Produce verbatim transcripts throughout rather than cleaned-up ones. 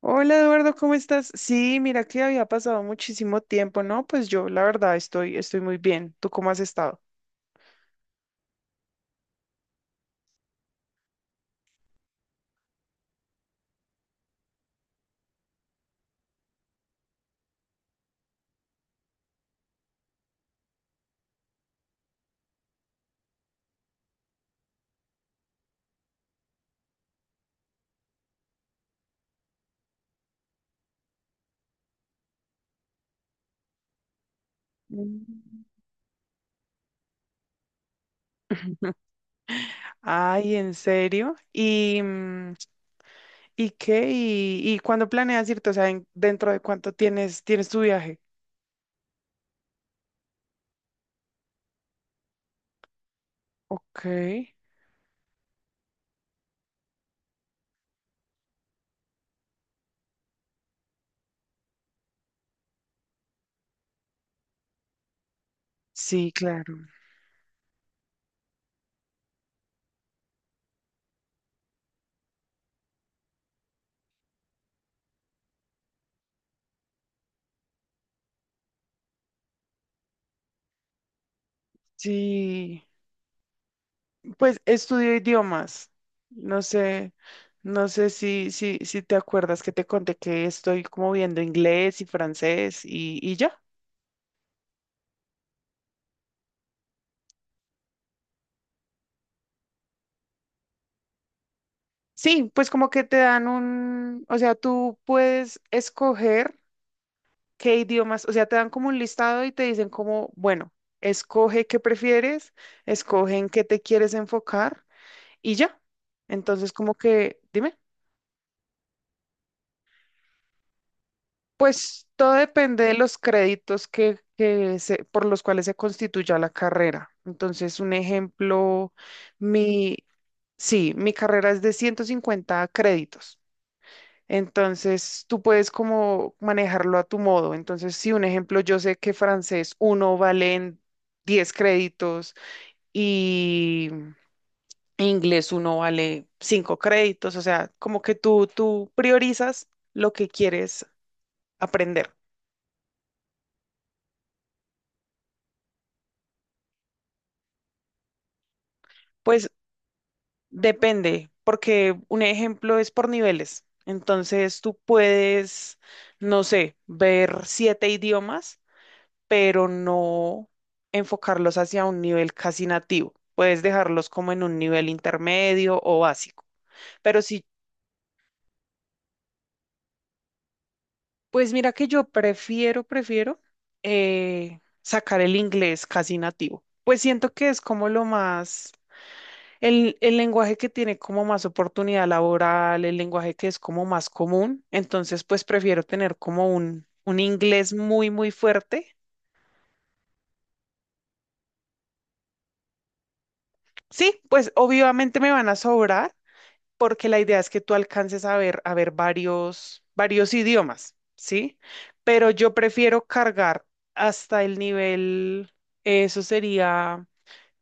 Hola Eduardo, ¿cómo estás? Sí, mira que había pasado muchísimo tiempo, ¿no? Pues yo la verdad estoy, estoy muy bien. ¿Tú cómo has estado? Mm. Ay, ¿en serio? ¿Y, mm, y qué? ¿Y, y cuándo planeas irte? O sea, ¿en- ¿dentro de cuánto tienes, tienes tu viaje? Ok, sí, claro. Sí, pues estudio idiomas. No sé, no sé si, si, si te acuerdas que te conté que estoy como viendo inglés y francés y, y ya. Sí, pues como que te dan un, o sea, tú puedes escoger qué idiomas, o sea, te dan como un listado y te dicen como, bueno, escoge qué prefieres, escoge en qué te quieres enfocar y ya. Entonces, como que, dime. Pues todo depende de los créditos que, que se- por los cuales se constituya la carrera. Entonces, un ejemplo, mi, sí, mi carrera es de ciento cincuenta créditos. Entonces, tú puedes como manejarlo a tu modo. Entonces, si un ejemplo, yo sé que francés uno valen diez créditos y inglés uno vale cinco créditos. O sea, como que tú, tú priorizas lo que quieres aprender. Pues Depende, porque un ejemplo es por niveles. Entonces tú puedes, no sé, ver siete idiomas, pero no enfocarlos hacia un nivel casi nativo. Puedes dejarlos como en un nivel intermedio o básico. Pero sí, pues mira que yo prefiero, prefiero eh, sacar el inglés casi nativo. Pues siento que es como lo más. El, el lenguaje que tiene como más oportunidad laboral, el lenguaje que es como más común, entonces pues prefiero tener como un, un inglés muy, muy fuerte. Sí, pues obviamente me van a sobrar porque la idea es que tú alcances a ver, a ver varios, varios idiomas, ¿sí? Pero yo prefiero cargar hasta el nivel, eso sería...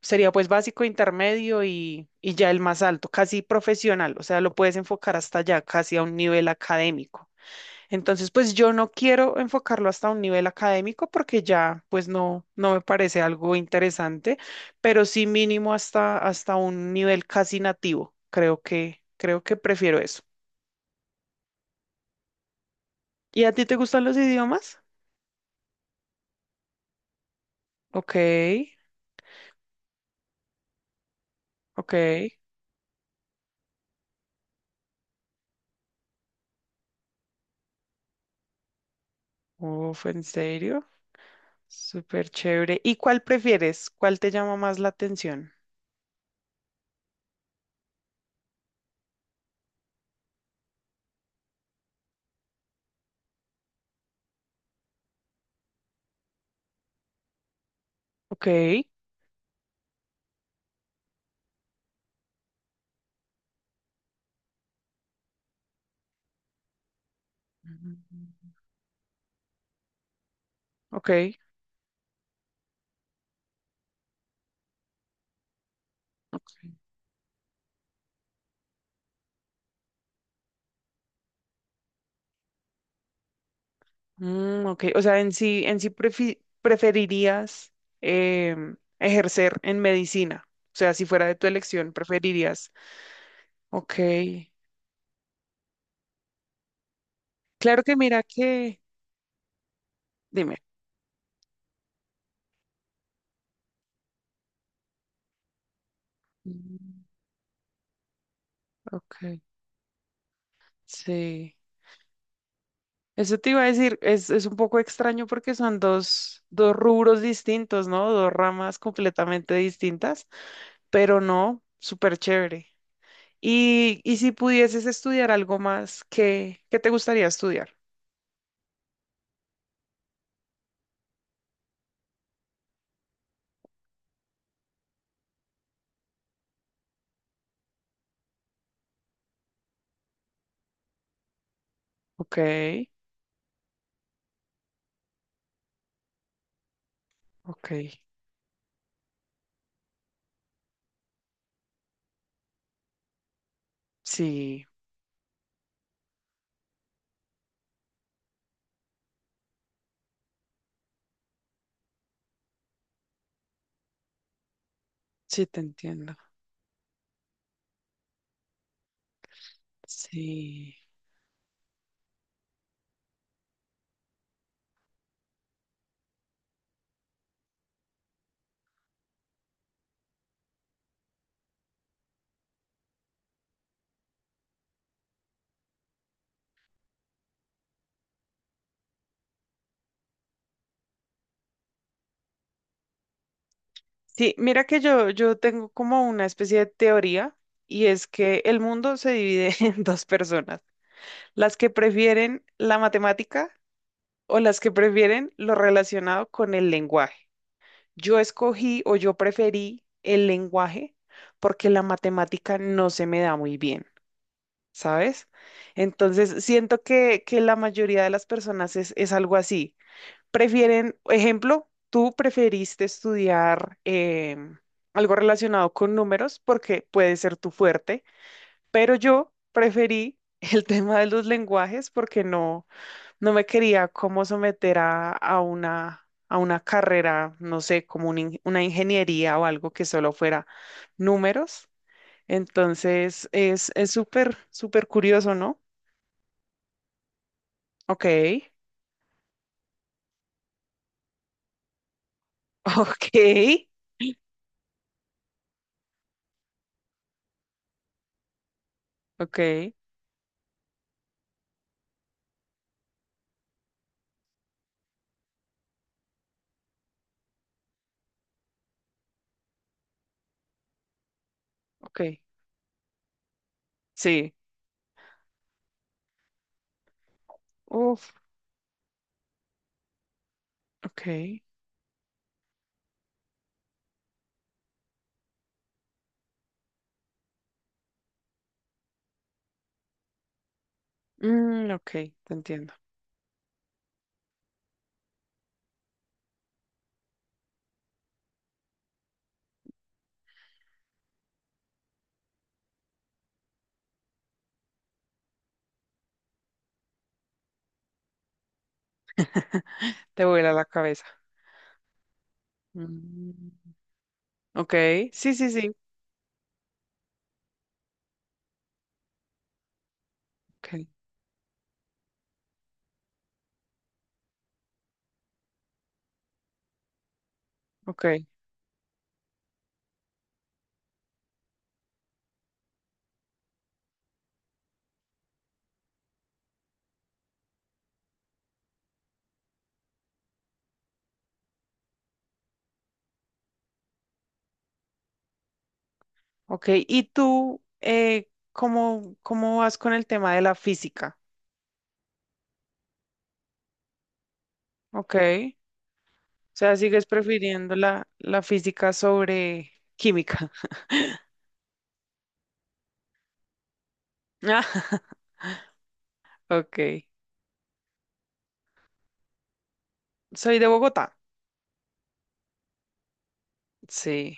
Sería pues básico, intermedio y, y ya el más alto, casi profesional, o sea, lo puedes enfocar hasta allá, casi a un nivel académico. Entonces, pues yo no quiero enfocarlo hasta un nivel académico porque ya pues no, no me parece algo interesante, pero sí mínimo hasta, hasta un nivel casi nativo. Creo que, creo que prefiero eso. ¿Y a ti te gustan los idiomas? Ok, ok. Uf, ¿en serio? Súper chévere. ¿Y cuál prefieres? ¿Cuál te llama más la atención? Ok, mm, ok, ok. Mm, ok. O sea, en sí, en sí prefi- preferirías em, ejercer en medicina. O sea, si fuera de tu elección, preferirías. Ok. Claro que mira que, dime. Mm. Okay, sí. Eso te iba a decir, es, es un poco extraño porque son dos, dos rubros distintos, ¿no? Dos ramas completamente distintas, pero no, súper chévere. Y, y si pudieses estudiar algo más, ¿qué, qué te gustaría estudiar? Ok, ok. Sí, sí te entiendo. Sí. Sí, mira que yo, yo tengo como una especie de teoría y es que el mundo se divide en dos personas, las que prefieren la matemática o las que prefieren lo relacionado con el lenguaje. Yo escogí o yo preferí el lenguaje porque la matemática no se me da muy bien. ¿sabes? Entonces, siento que, que la mayoría de las personas es, es algo así. Prefieren, ejemplo, tú preferiste estudiar em, algo relacionado con números porque puede ser tu fuerte, pero yo preferí el tema de los lenguajes porque no, no me quería como someter a, a una... a una carrera, no sé, como un in- una ingeniería o algo que solo fuera números. Entonces, es es súper, súper curioso, ¿no? Ok, ok, ok, ok. Sí. Uf, ok. Mm, ok, te entiendo. Te vuela la cabeza. Mm, ok, sí, sí, sí. Ok, ok, ok. ¿Y tú, eh, cómo, cómo vas con el tema de la física? Ok. O sea, sigues prefiriendo la, la física sobre química. Ah. Ok. Soy de Bogotá. Sí.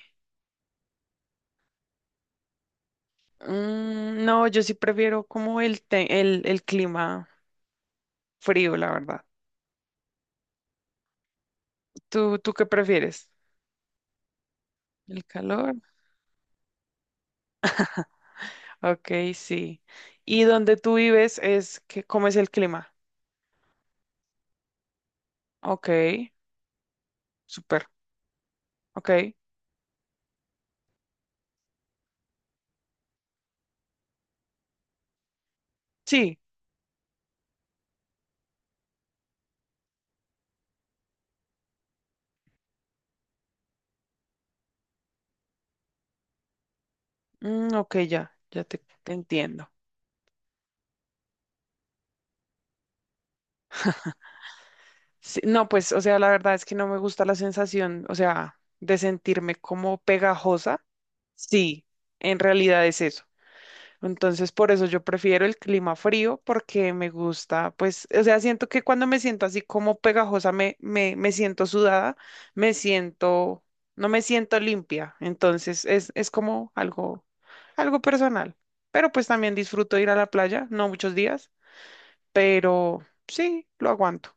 Mm, no, yo sí prefiero como el, te- el, el clima. Frío, la verdad. ¿Tú, tú qué prefieres? ¿El calor? Ok, sí. ¿Y donde tú vives es que, cómo es el clima? Ok, súper. Ok, sí. Mm, ok, ya, ya te, te entiendo. Sí, no, pues, o sea, la verdad es que no me gusta la sensación, o sea, de sentirme como pegajosa. Sí, en realidad es eso. Entonces, por eso yo prefiero el clima frío porque me gusta, pues, o sea, siento que cuando me siento así como pegajosa, me, me, me siento sudada, me siento, no me siento limpia. Entonces, es, es como algo, algo personal. Pero pues también disfruto ir a la playa, no muchos días, pero sí, lo aguanto.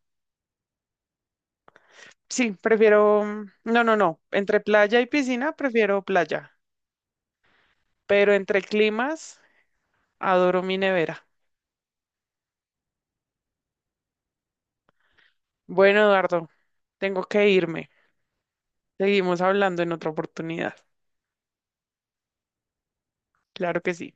Sí, prefiero, mm, no, no, no, entre playa y piscina prefiero playa, pero entre climas adoro mi nevera. Bueno, Eduardo, tengo que irme. Seguimos hablando en otra oportunidad. Claro que sí.